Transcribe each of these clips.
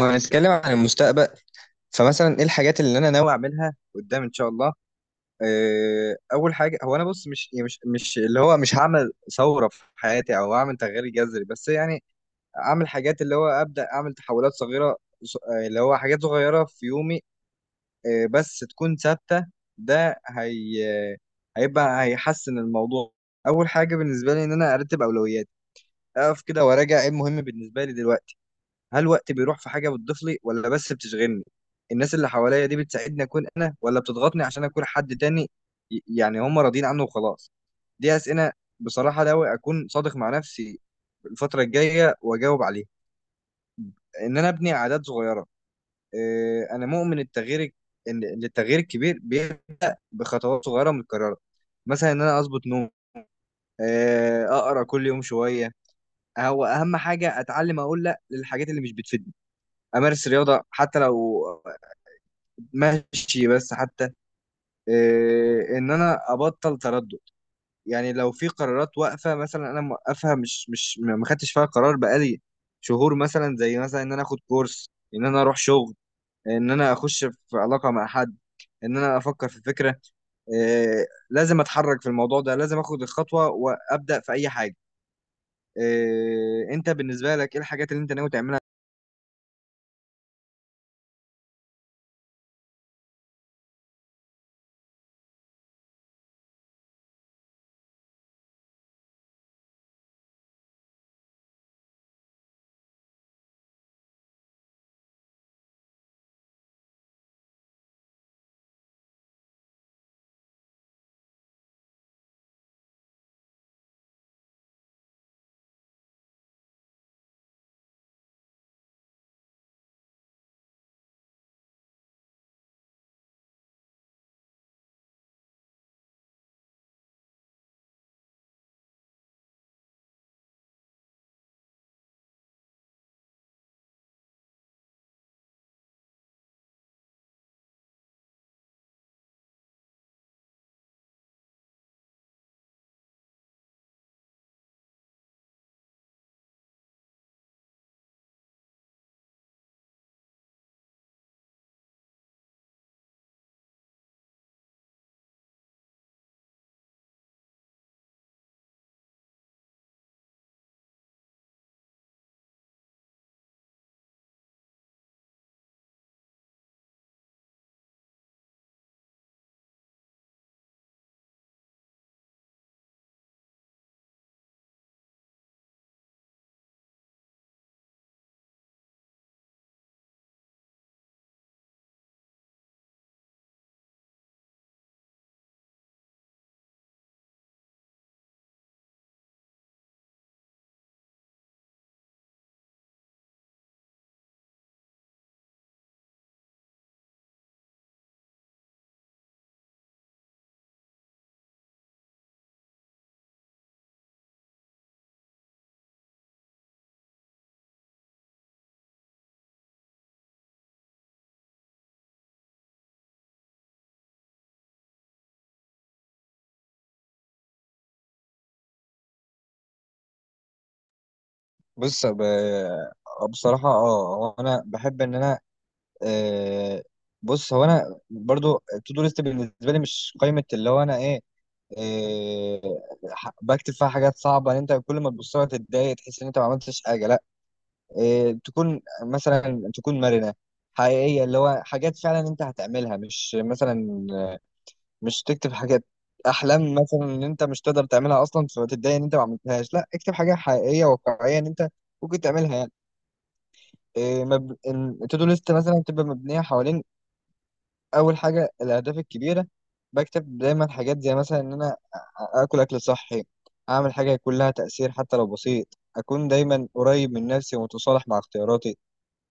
لو هنتكلم عن المستقبل، فمثلا ايه الحاجات اللي انا ناوي اعملها قدام ان شاء الله؟ اول حاجه، هو انا بص مش يعني مش اللي هو مش هعمل ثوره في حياتي او اعمل تغيير جذري، بس يعني اعمل حاجات اللي هو ابدا اعمل تحولات صغيره. اللي هو حاجات صغيره في يومي، بس تكون ثابته. ده هي. آه، هيبقى هيحسن الموضوع. اول حاجه بالنسبه لي ان انا ارتب اولوياتي، اقف كده وراجع ايه المهم بالنسبه لي دلوقتي. هل وقتي بيروح في حاجة بتضيف لي ولا بس بتشغلني؟ الناس اللي حواليا دي بتساعدني أكون أنا ولا بتضغطني عشان أكون حد تاني؟ يعني هم راضيين عنه وخلاص. دي أسئلة بصراحة ناوي أكون صادق مع نفسي الفترة الجاية وأجاوب عليها. إن أنا أبني عادات صغيرة. إيه، أنا مؤمن التغيير، إن التغيير الكبير بيبقى بخطوات صغيرة متكررة. مثلا إن أنا أظبط نوم. إيه، أقرأ كل يوم شوية. هو أهم حاجة أتعلم أقول لأ للحاجات اللي مش بتفيدني. أمارس رياضة حتى لو ماشي، بس حتى إيه ان انا ابطل تردد. يعني لو في قرارات واقفه، مثلا انا موقفها مش ما خدتش فيها قرار بقالي شهور، مثلا زي مثلا ان انا اخد كورس، ان انا اروح شغل، ان انا اخش في علاقه مع حد، ان انا افكر في فكره. إيه، لازم اتحرك في الموضوع ده، لازم اخد الخطوه وابدا في اي حاجه. إيه، انت بالنسبه لك ايه الحاجات اللي انت ناوي تعملها؟ بص، بصراحة، اه هو انا بحب ان انا. آه، بص هو انا برضو، تو دو ليست بالنسبه لي مش قائمه اللي هو انا ايه، آه، بكتب فيها حاجات صعبه ان انت كل ما تبص لها تتضايق، تحس ان انت ما عملتش حاجه. لا، تكون مثلا تكون مرنه، حقيقيه، اللي هو حاجات فعلا انت هتعملها، مش مثلا مش تكتب حاجات احلام، مثلا ان انت مش تقدر تعملها اصلا فتتضايق ان انت ما عملتهاش. لا، اكتب حاجه حقيقيه واقعيه ان انت ممكن تعملها يعني. تو دو ليست مثلا تبقى مبنيه حوالين اول حاجه الاهداف الكبيره. بكتب دايما حاجات، زي مثلا ان انا اكل صحي، اعمل حاجه يكون لها تاثير حتى لو بسيط، اكون دايما قريب من نفسي ومتصالح مع اختياراتي.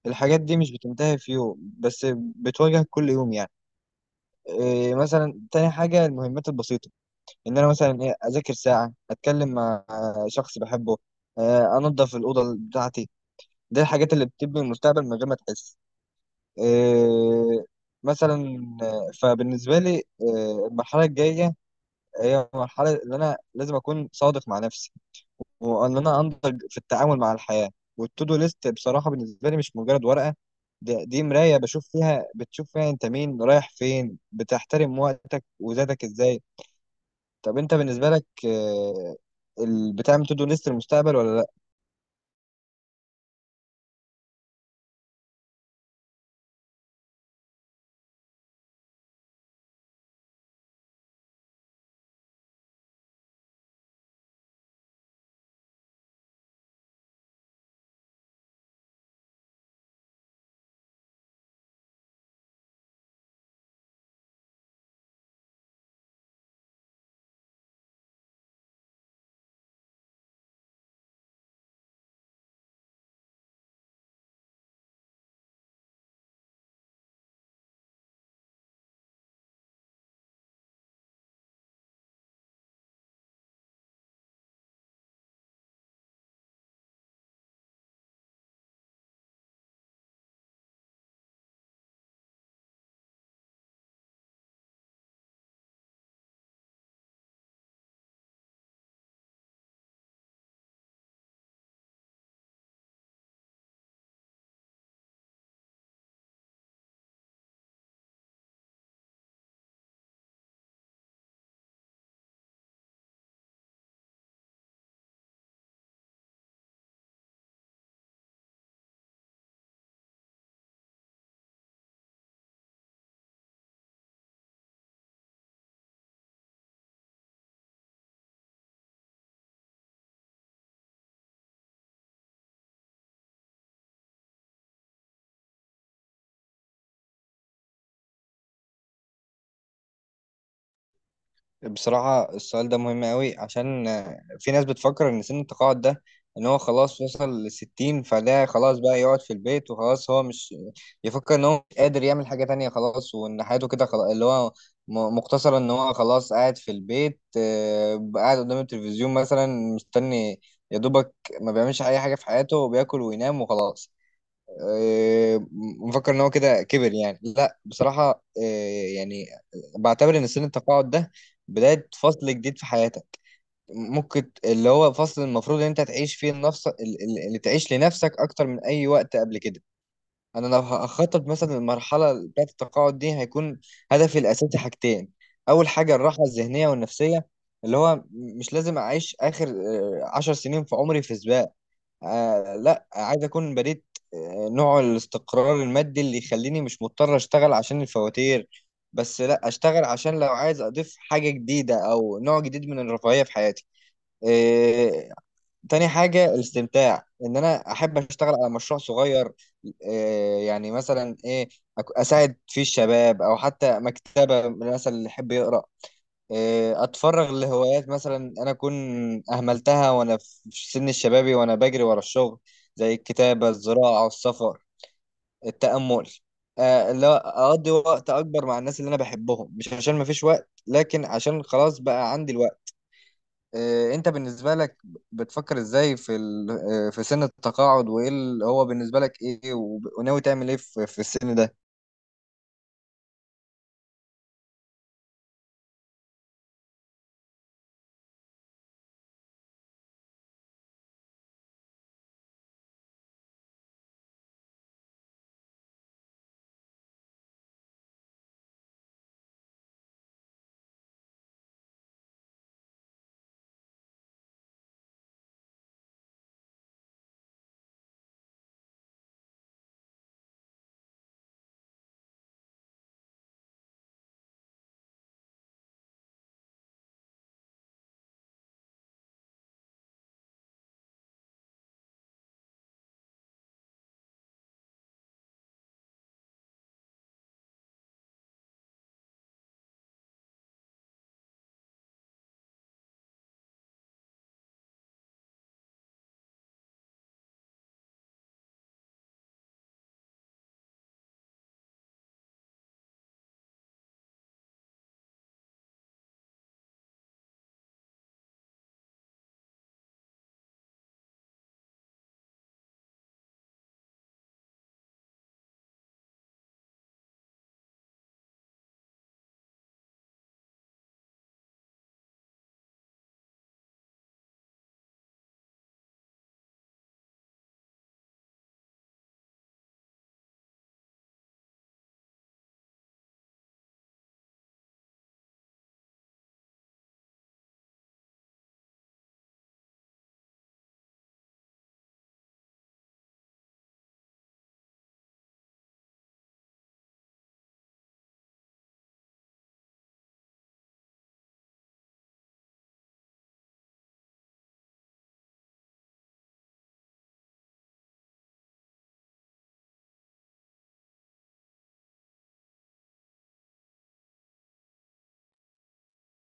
الحاجات دي مش بتنتهي في يوم، بس بتواجهك كل يوم يعني. إيه، مثلا تاني حاجه المهمات البسيطه، ان انا مثلا إيه اذاكر ساعه، اتكلم مع شخص بحبه، انضف الاوضه بتاعتي. دي الحاجات اللي بتبني المستقبل من غير ما تحس. إيه، مثلا. فبالنسبة لي المرحلة الجاية هي المرحلة اللي أنا لازم أكون صادق مع نفسي وإن أنا أنضج في التعامل مع الحياة. والتودو ليست بصراحة بالنسبة لي مش مجرد ورقة، دي مراية بشوف فيها، بتشوف فيها أنت مين، رايح فين، بتحترم وقتك وذاتك إزاي. طب أنت بالنسبة لك، بتعمل تودو ليست للمستقبل ولا لأ؟ بصراحة السؤال ده مهم قوي، عشان في ناس بتفكر إن سن التقاعد ده، إن هو خلاص وصل للستين، فده خلاص بقى يقعد في البيت وخلاص، هو مش يفكر إن هو مش قادر يعمل حاجة تانية خلاص، وإن حياته كده خلاص، اللي هو مقتصرة إن هو خلاص قاعد في البيت، قاعد قدام التلفزيون مثلا، مستني، يا دوبك، ما بيعملش أي حاجة في حياته، وبياكل وينام وخلاص. مفكر ان هو كده كبر يعني. لا، بصراحه، يعني بعتبر ان سن التقاعد ده بدايه فصل جديد في حياتك. ممكن اللي هو فصل المفروض ان انت تعيش فيه النفس، اللي تعيش لنفسك اكتر من اي وقت قبل كده. انا لو هخطط مثلا المرحله بتاعه التقاعد دي، هيكون هدفي الاساسي حاجتين. اول حاجه الراحه الذهنيه والنفسيه، اللي هو مش لازم اعيش اخر 10 سنين في عمري في سباق. لا، عايز اكون بنيت نوع الاستقرار المادي اللي يخليني مش مضطر اشتغل عشان الفواتير، بس لا اشتغل عشان لو عايز اضيف حاجة جديدة او نوع جديد من الرفاهية في حياتي. آه تاني حاجة الاستمتاع، ان انا احب اشتغل على مشروع صغير، يعني مثلا ايه اساعد فيه الشباب، او حتى مكتبة مثلا اللي يحب يقرأ. إيه، اتفرغ لهوايات مثلا انا اكون اهملتها وانا في سن الشبابي وانا بجري ورا الشغل، زي الكتابه، الزراعه، السفر، التامل. لا، اقضي وقت اكبر مع الناس اللي انا بحبهم، مش عشان ما فيش وقت لكن عشان خلاص بقى عندي الوقت. إيه، انت بالنسبه لك بتفكر ازاي في في سن التقاعد، وايه اللي هو بالنسبه لك ايه، وناوي تعمل ايه في السن ده؟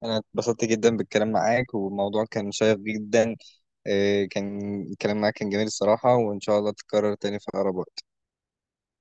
أنا اتبسطت جدا بالكلام معاك، والموضوع كان شيق جدا. كان الكلام معاك كان جميل الصراحة، وإن شاء الله تتكرر تاني في أقرب وقت.